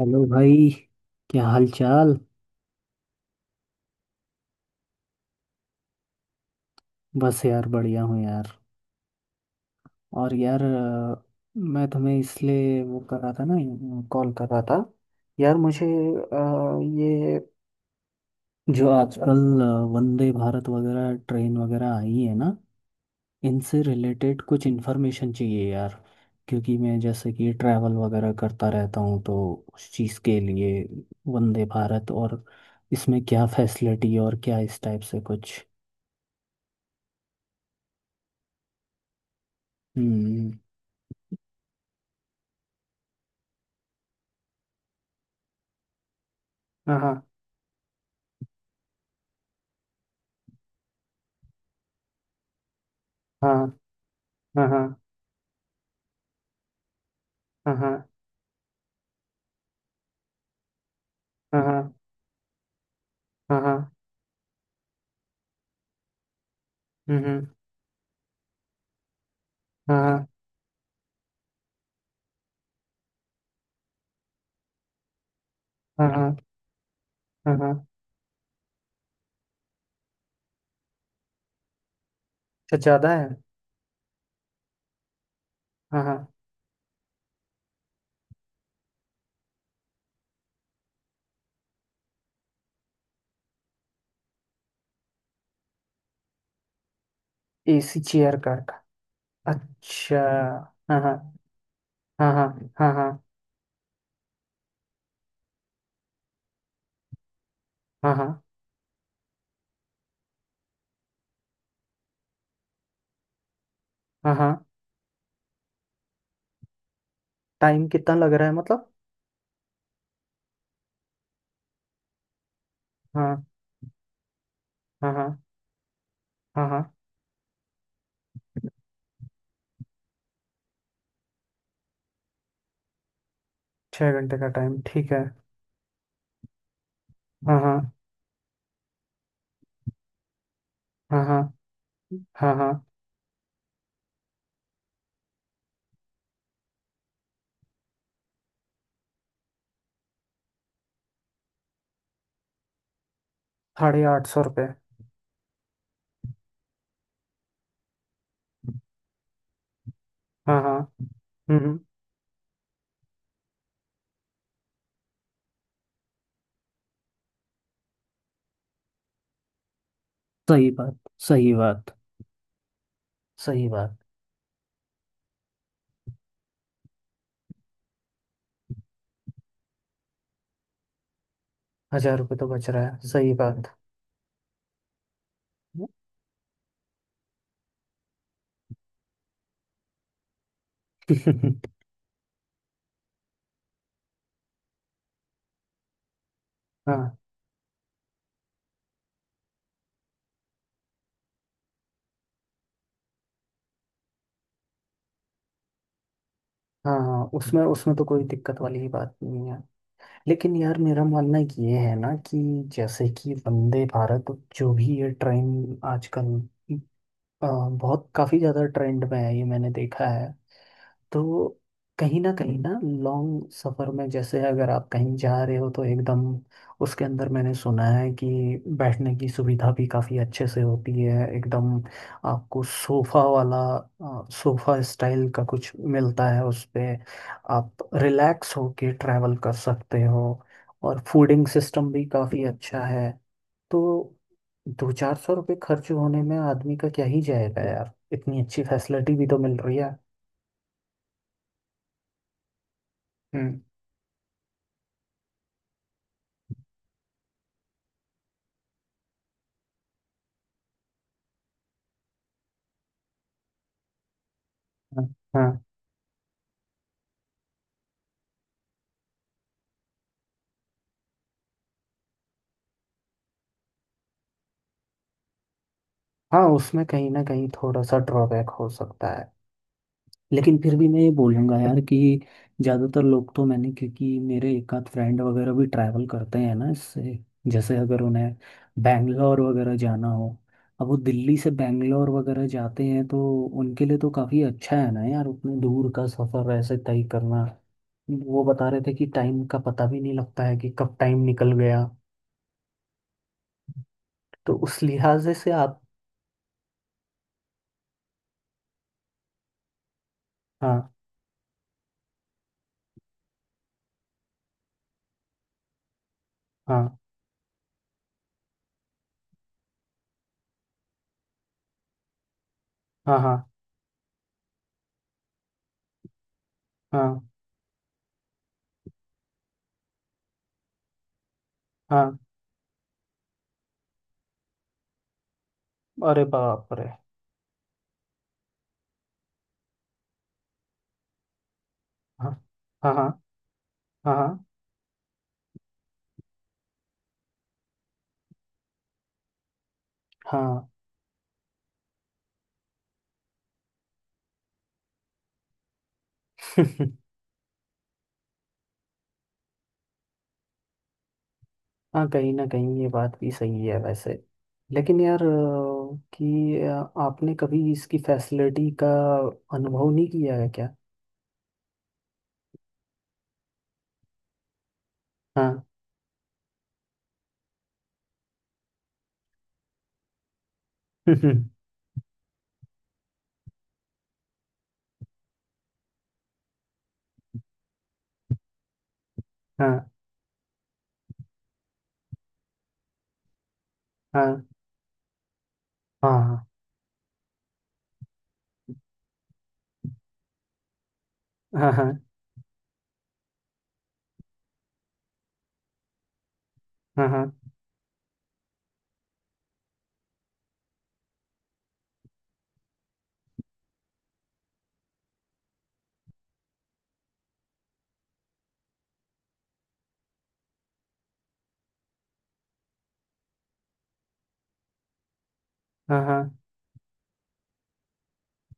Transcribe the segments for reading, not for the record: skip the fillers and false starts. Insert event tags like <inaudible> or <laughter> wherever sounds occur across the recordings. Hello भाई। क्या हाल चाल। बस यार बढ़िया हूँ यार। और यार मैं तुम्हें इसलिए वो कर रहा था ना। कॉल कर रहा था। यार मुझे ये जो आजकल वंदे भारत वगैरह ट्रेन वगैरह आई है ना। इनसे रिलेटेड कुछ इन्फॉर्मेशन चाहिए यार। क्योंकि मैं जैसे कि ट्रैवल वगैरह करता रहता हूँ तो उस चीज़ के लिए वंदे भारत और इसमें क्या फैसिलिटी और क्या इस टाइप से कुछ। हम्म। हाँ। हाँ हाँ। हाँ हाँ हाँ। हाँ हाँ। हाँ हम्म। हाँ हाँ हाँ। हाँ हाँ। अच्छा ज्यादा है। हाँ हाँ। एसी चेयर का अच्छा। हाँ हाँ। हाँ हाँ। हाँ हाँ। हाँ हाँ। हाँ हाँ। टाइम कितना लग रहा है मतलब। हाँ हाँ। हाँ हाँ। हाँ। 6 घंटे का टाइम ठीक है। हाँ हाँ हाँ। हाँ हाँ। हाँ। 850 रुपये। हाँ हाँ। हम्म। सही बात। सही बात। सही बात। 1,000 रुपये तो बच रहा है, सही बात। <laughs> हाँ। हाँ हाँ उसमें उसमें तो कोई दिक्कत वाली ही बात नहीं है। लेकिन यार मेरा मानना ये है ना कि जैसे कि वंदे भारत जो भी ये ट्रेन आजकल अ, बहुत काफ़ी ज़्यादा ट्रेंड में है ये मैंने देखा है। तो कहीं ना लॉन्ग सफ़र में जैसे अगर आप कहीं जा रहे हो तो एकदम उसके अंदर मैंने सुना है कि बैठने की सुविधा भी काफ़ी अच्छे से होती है एकदम। आपको सोफ़ा वाला सोफ़ा स्टाइल का कुछ मिलता है उस पे। आप रिलैक्स होके ट्रैवल कर सकते हो और फूडिंग सिस्टम भी काफ़ी अच्छा है। तो दो चार सौ रुपये खर्च होने में आदमी का क्या ही जाएगा यार, इतनी अच्छी फैसिलिटी भी तो मिल रही है। हम्म। हाँ हाँ हाँ, उसमें कहीं ना कहीं थोड़ा सा ड्रॉबैक हो सकता है। लेकिन फिर भी मैं ये बोलूँगा यार कि ज़्यादातर लोग तो मैंने, क्योंकि मेरे एक आध फ्रेंड वगैरह भी ट्रैवल करते हैं ना इससे, जैसे अगर उन्हें बैंगलोर वगैरह जाना हो, अब वो दिल्ली से बैंगलोर वगैरह जाते हैं तो उनके लिए तो काफ़ी अच्छा है ना यार उतने दूर का सफ़र ऐसे तय करना। वो बता रहे थे कि टाइम का पता भी नहीं लगता है कि कब टाइम निकल गया। तो उस लिहाजे से आप। हाँ हाँ। हाँ हाँ। हाँ हाँ। अरे बाप रे। हाँ हाँ। हाँ हाँ। हाँ। <laughs> हाँ। हाँ कहीं ना कहीं ये बात भी सही है वैसे। लेकिन यार कि आपने कभी इसकी फैसिलिटी का अनुभव नहीं किया है क्या। हाँ। <laughs> हाँ। हाँ हाँ। हाँ हाँ। हाँ हाँ। हाँ हाँ।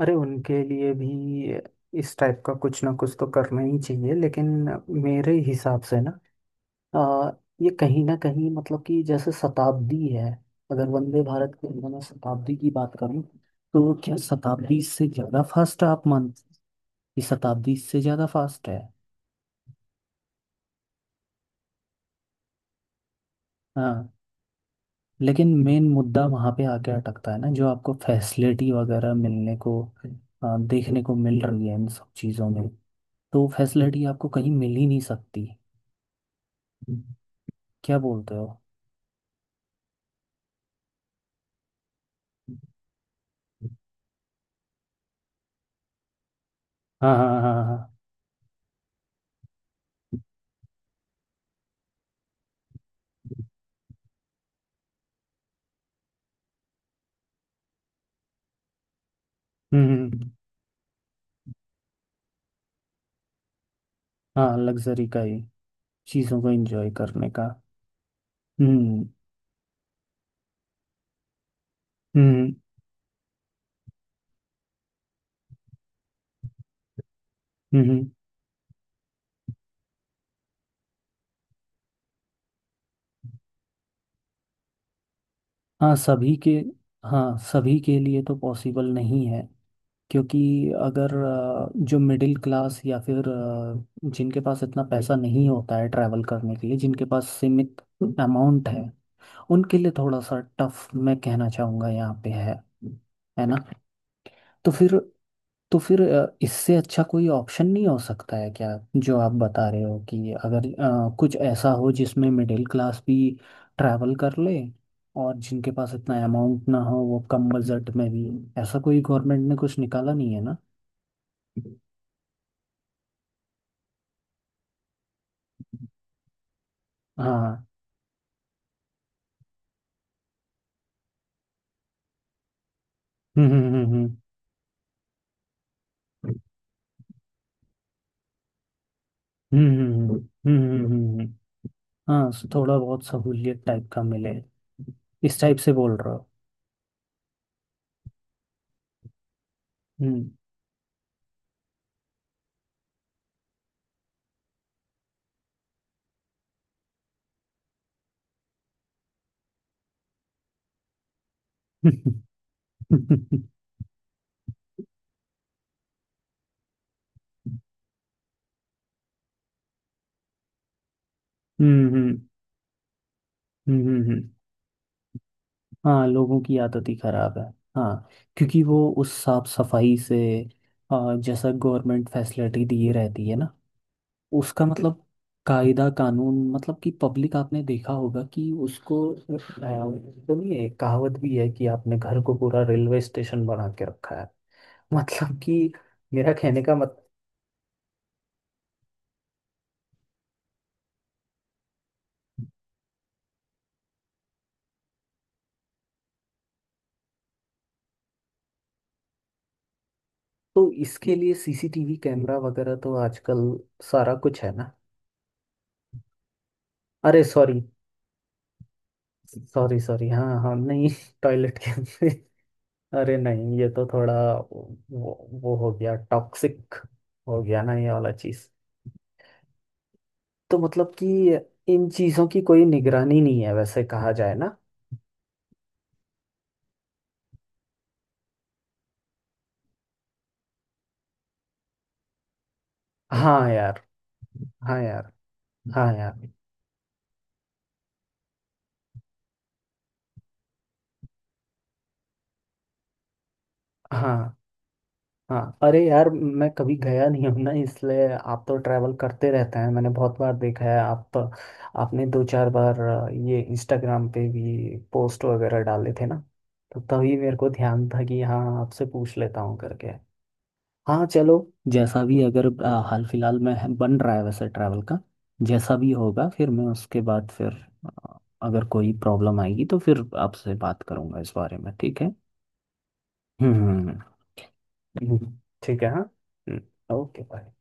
अरे उनके लिए भी इस टाइप का कुछ ना कुछ तो करना ही चाहिए लेकिन मेरे हिसाब से ना, अ, ये कहीं ना कहीं मतलब कि जैसे शताब्दी है। अगर वंदे भारत के अंदर मैं शताब्दी की बात करूं तो क्या शताब्दी से ज़्यादा फास्ट आप मानते हैं कि शताब्दी से ज़्यादा फास्ट है। हाँ लेकिन मेन मुद्दा वहाँ पे आके अटकता है ना जो आपको फैसिलिटी वगैरह मिलने को देखने को मिल रही है इन सब चीज़ों में। तो फैसिलिटी आपको कहीं मिल ही नहीं सकती। क्या बोलते हो। हाँ हाँ हाँ हाँ हाँ। हम्म हम्म, हम्म। हाँ लग्जरी का ही। चीज़ों को एंजॉय करने का। हम्म हम्म। हम्म, हम्म। हाँ सभी के। हाँ सभी के लिए तो पॉसिबल नहीं है। क्योंकि अगर जो मिडिल क्लास या फिर जिनके पास इतना पैसा नहीं होता है ट्रैवल करने के लिए, जिनके पास सीमित अमाउंट है, उनके लिए थोड़ा सा टफ मैं कहना चाहूँगा यहाँ पे है ना। तो फिर, तो फिर इससे अच्छा कोई ऑप्शन नहीं हो सकता है क्या जो आप बता रहे हो कि अगर कुछ ऐसा हो जिसमें मिडिल क्लास भी ट्रैवल कर ले और जिनके पास इतना अमाउंट ना हो वो कम बजट में भी, ऐसा कोई गवर्नमेंट ने कुछ निकाला नहीं है ना। हाँ। हम्म। हम्म। हम्म, हम्म। हम्म, हम्म। हम्म। हाँ सो थोड़ा बहुत सहूलियत टाइप का मिले इस टाइप से बोल रहे हो। हम्म। <laughs> हम्म हम्म। हम्म, हम्म, हम्म। हाँ लोगों की आदत ही खराब है। हाँ क्योंकि वो उस साफ सफाई से जैसा गवर्नमेंट फैसिलिटी दी रहती है ना उसका मतलब कायदा कानून मतलब कि पब्लिक आपने देखा होगा कि उसको सुनिए एक कहावत भी है कि आपने घर को पूरा रेलवे स्टेशन बना के रखा है। <laughs> मतलब कि मेरा कहने का मत। तो इसके लिए सीसीटीवी कैमरा वगैरह तो आजकल सारा कुछ है ना। अरे सॉरी। सॉरी सॉरी, हाँ हाँ नहीं <laughs> टॉयलेट के अंदर। अरे नहीं ये तो थोड़ा वो हो गया टॉक्सिक हो गया ना ये वाला चीज। तो मतलब कि इन चीजों की कोई निगरानी नहीं है वैसे कहा जाए ना। हाँ यार। हाँ यार। हाँ यार। हाँ हाँ। अरे यार मैं कभी गया नहीं हूँ ना इसलिए, आप तो ट्रैवल करते रहते हैं मैंने बहुत बार देखा है आप तो, आपने दो चार बार ये इंस्टाग्राम पे भी पोस्ट वगैरह डाले थे ना तो तभी मेरे को ध्यान था कि हाँ आपसे पूछ लेता हूँ करके। हाँ चलो, जैसा भी अगर हाल फिलहाल में बन रहा है वैसे ट्रैवल का, जैसा भी होगा फिर मैं उसके बाद फिर आ, अगर कोई प्रॉब्लम आएगी तो फिर आपसे बात करूंगा इस बारे में, ठीक है। हम्म हम्म, ठीक है हाँ ओके बाय।